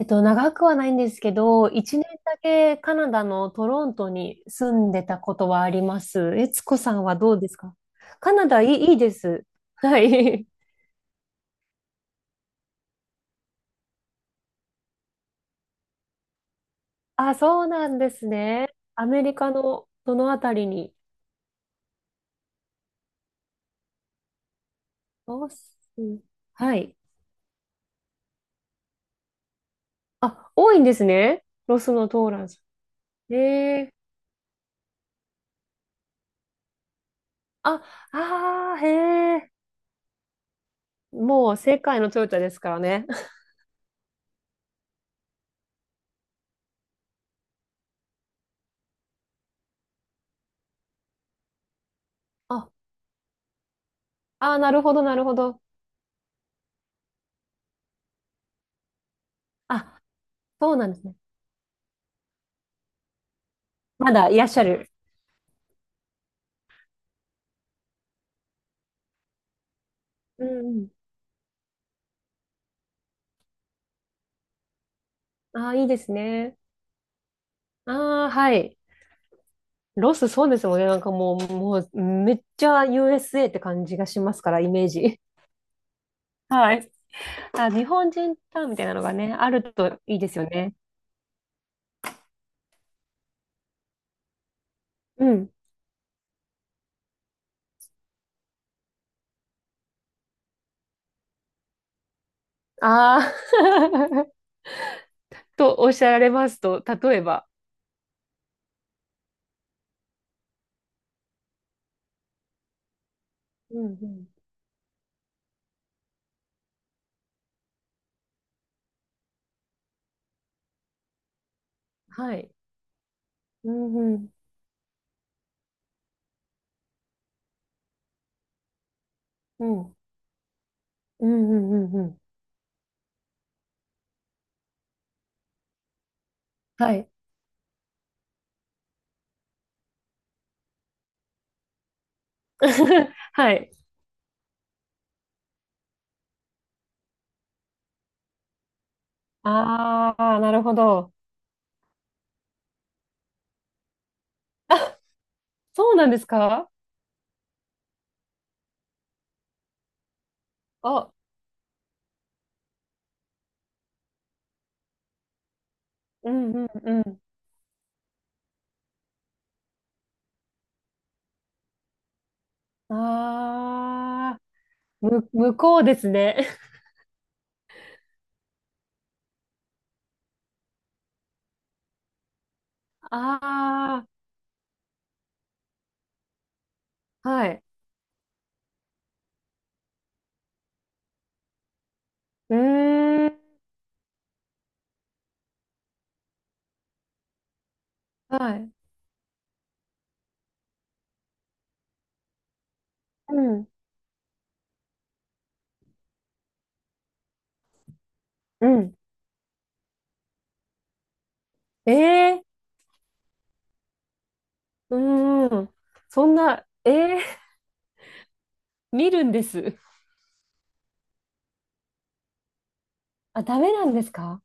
長くはないんですけど、一年だけカナダのトロントに住んでたことはあります。えつこさんはどうですか？カナダいい、いいです。はい。あ、そうなんですね。アメリカのどのあたりに？ロス。はい。あ、多いんですね。ロスのトーランス。へえ。あ、ああ、へえ。もう世界のトヨタですからね。あ、あー、なるほど、なるほど。あ、そうなんですね。まだいらっしゃる。うんうん。ああ、いいですね。ああ、はい。ロス、そうですもんね。なんかもう、もう、めっちゃ USA って感じがしますから、イメージ。はい。あ、日本人タウンみたいなのがね、あるといいですよね。うん。ああ。 とおっしゃられますと、例えば。うんうん。はい。うんうん。うん。うんうんうんうん。はい。はい。ああ、なるほど。あ、そうなんですか？あ、うんうんうん。ああ。む、向こうですね。ああ、はい。うーん、はい。うん、うん。ええー。うーん。そんな、ええー。見るんです。あ、ダメなんですか？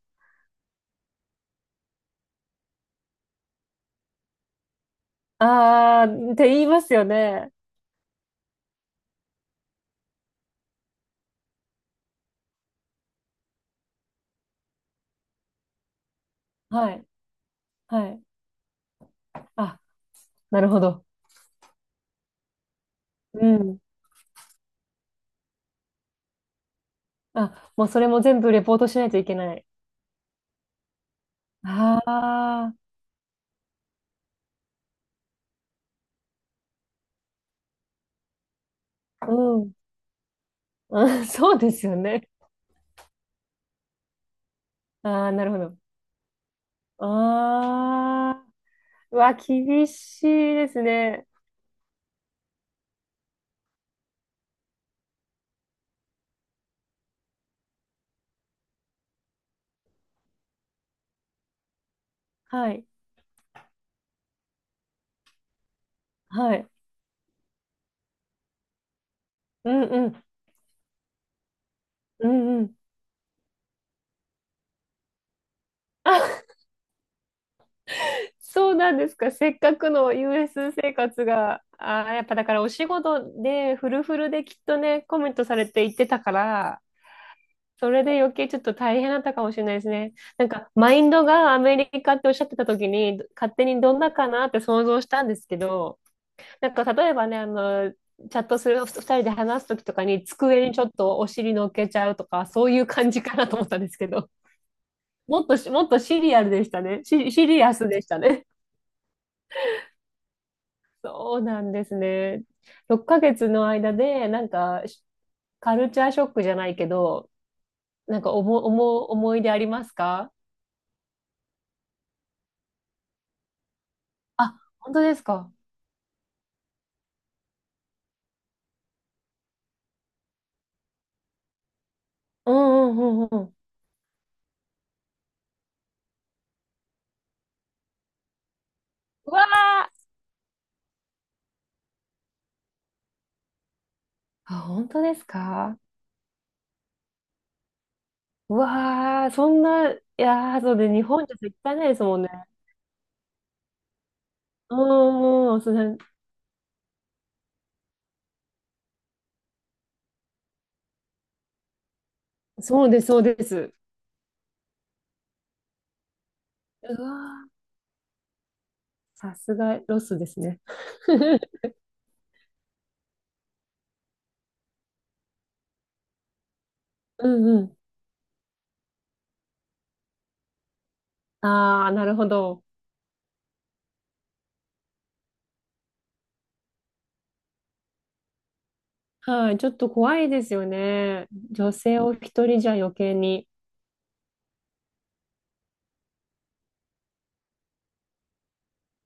ああー、って言いますよね。はい、はい。あ、なるほど。うん。あ、もうそれも全部レポートしないといけない。ああ、うん。うん、そうですよね。ああ、なるほど。ああ、うわ、厳しいですね。はい。はい。うんうん。うんうん。あ、そうなんですか。せっかくの US 生活が、あー、やっぱだからお仕事でフルフルできっとね、コメントされて行ってたから、それで余計ちょっと大変だったかもしれないですね。なんか、マインドがアメリカっておっしゃってた時に、勝手にどんなかなって想像したんですけど、なんか例えばね、チャットする2人で話す時とかに机にちょっとお尻乗っけちゃうとか、そういう感じかなと思ったんですけど。もっとシリアルでしたね。シリアスでしたね。そうなんですね。6ヶ月の間で、なんか、カルチャーショックじゃないけど、なんか思い出ありますか？あ、本当ですか。うんうんうんうん。うわー。あ、本当ですか？うわー、そんな、いやー、そうで、日本じゃ絶対ないですもんね。うんうん、それ。そうです、そうです。うわー、さすがロスですね。うんうん。ああ、なるほど。はい、ちょっと怖いですよね。女性を一人じゃ余計に。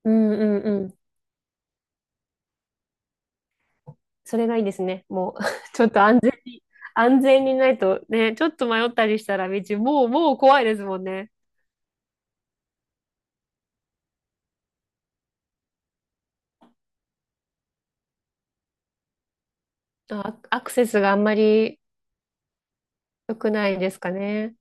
うんうんうん。それがいいですね。もう、ちょっと安全に、安全にないとね、ちょっと迷ったりしたら道、もう怖いですもんね。あ、アクセスがあんまり良くないですかね。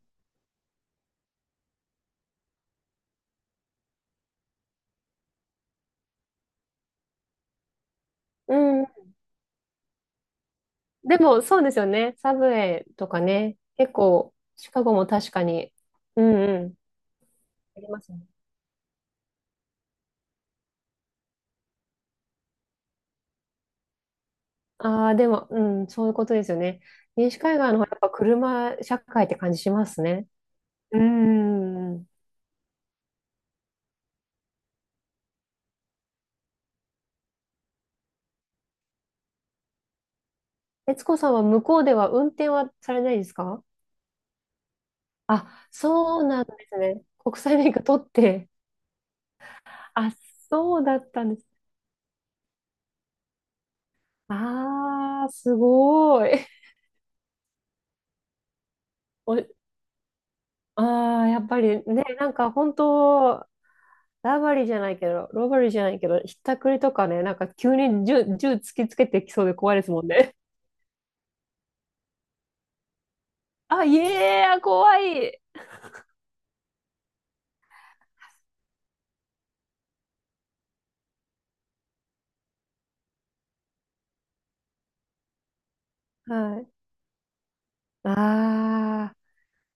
うん。でも、そうですよね。サブウェイとかね。結構、シカゴも確かに。うんうん。ありますね。ああ、でも、うん、そういうことですよね。西海岸の方がやっぱ車社会って感じしますね。うーん。悦子さんは向こうでは運転はされないですか？あ、そうなんですね。国際免許取って。あ、そうだったんです。あー、すごい。お、あー、やっぱりね、なんか本当、ラバリーじゃないけど、ロバリーじゃないけど、ひったくりとかね、なんか急に銃突きつけてきそうで怖いですもんね。あ、いえー、怖い。はい。あ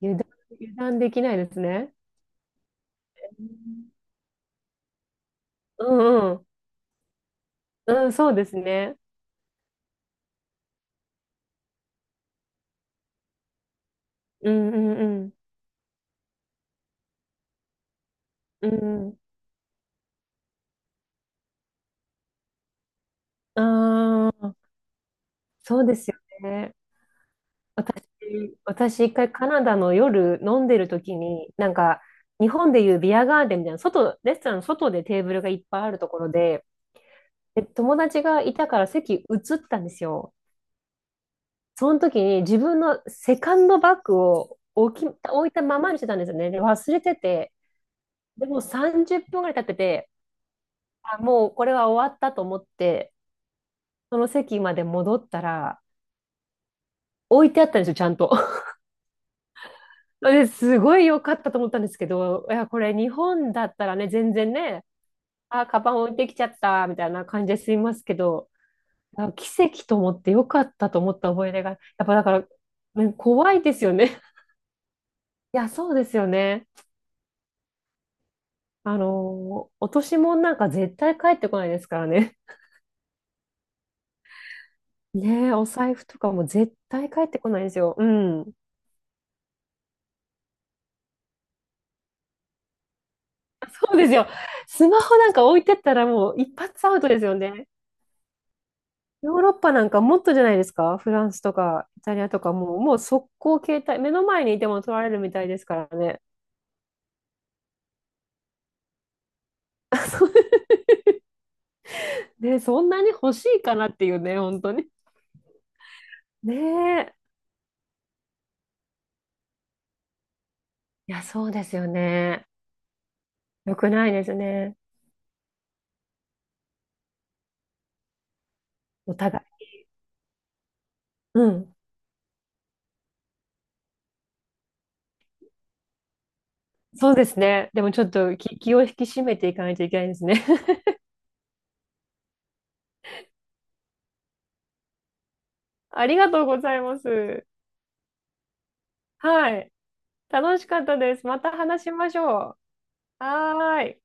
ー、油断できないですね。うんうん。うん、そうですね。うんうんうん。うん。ああ、そうですよね。私、私一回カナダの夜飲んでる時に、なんか、日本でいうビアガーデンみたいな、外、レストランの外でテーブルがいっぱいあるところで、で、友達がいたから席移ったんですよ。その時に自分のセカンドバッグを置いたままにしてたんですよね。で、忘れてて、でもう30分ぐらい経ってて、あ、もうこれは終わったと思って、その席まで戻ったら、置いてあったんですよ、ちゃんと。ですごい良かったと思ったんですけど、いや、これ日本だったらね、全然ね、あ、カバン置いてきちゃった、みたいな感じで済みますけど、あ、奇跡と思って良かったと思った思い出が、やっぱだから、ね、怖いですよね。いや、そうですよね。落とし物なんか絶対帰ってこないですからね。ねえ、お財布とかも絶対帰ってこないですよ。うん。そうですよ。スマホなんか置いてったらもう一発アウトですよね。ヨーロッパなんかもっとじゃないですか？フランスとかイタリアとかもう速攻携帯、目の前にいても取られるみたいですからね。そ、ね、そんなに欲しいかなっていうね、本当に。ねえ。いや、そうですよね。よくないですね。お互い。うん。そうですね。でもちょっと気を引き締めていかないといけないですね。ありがとうございます。はい。楽しかったです。また話しましょう。はーい。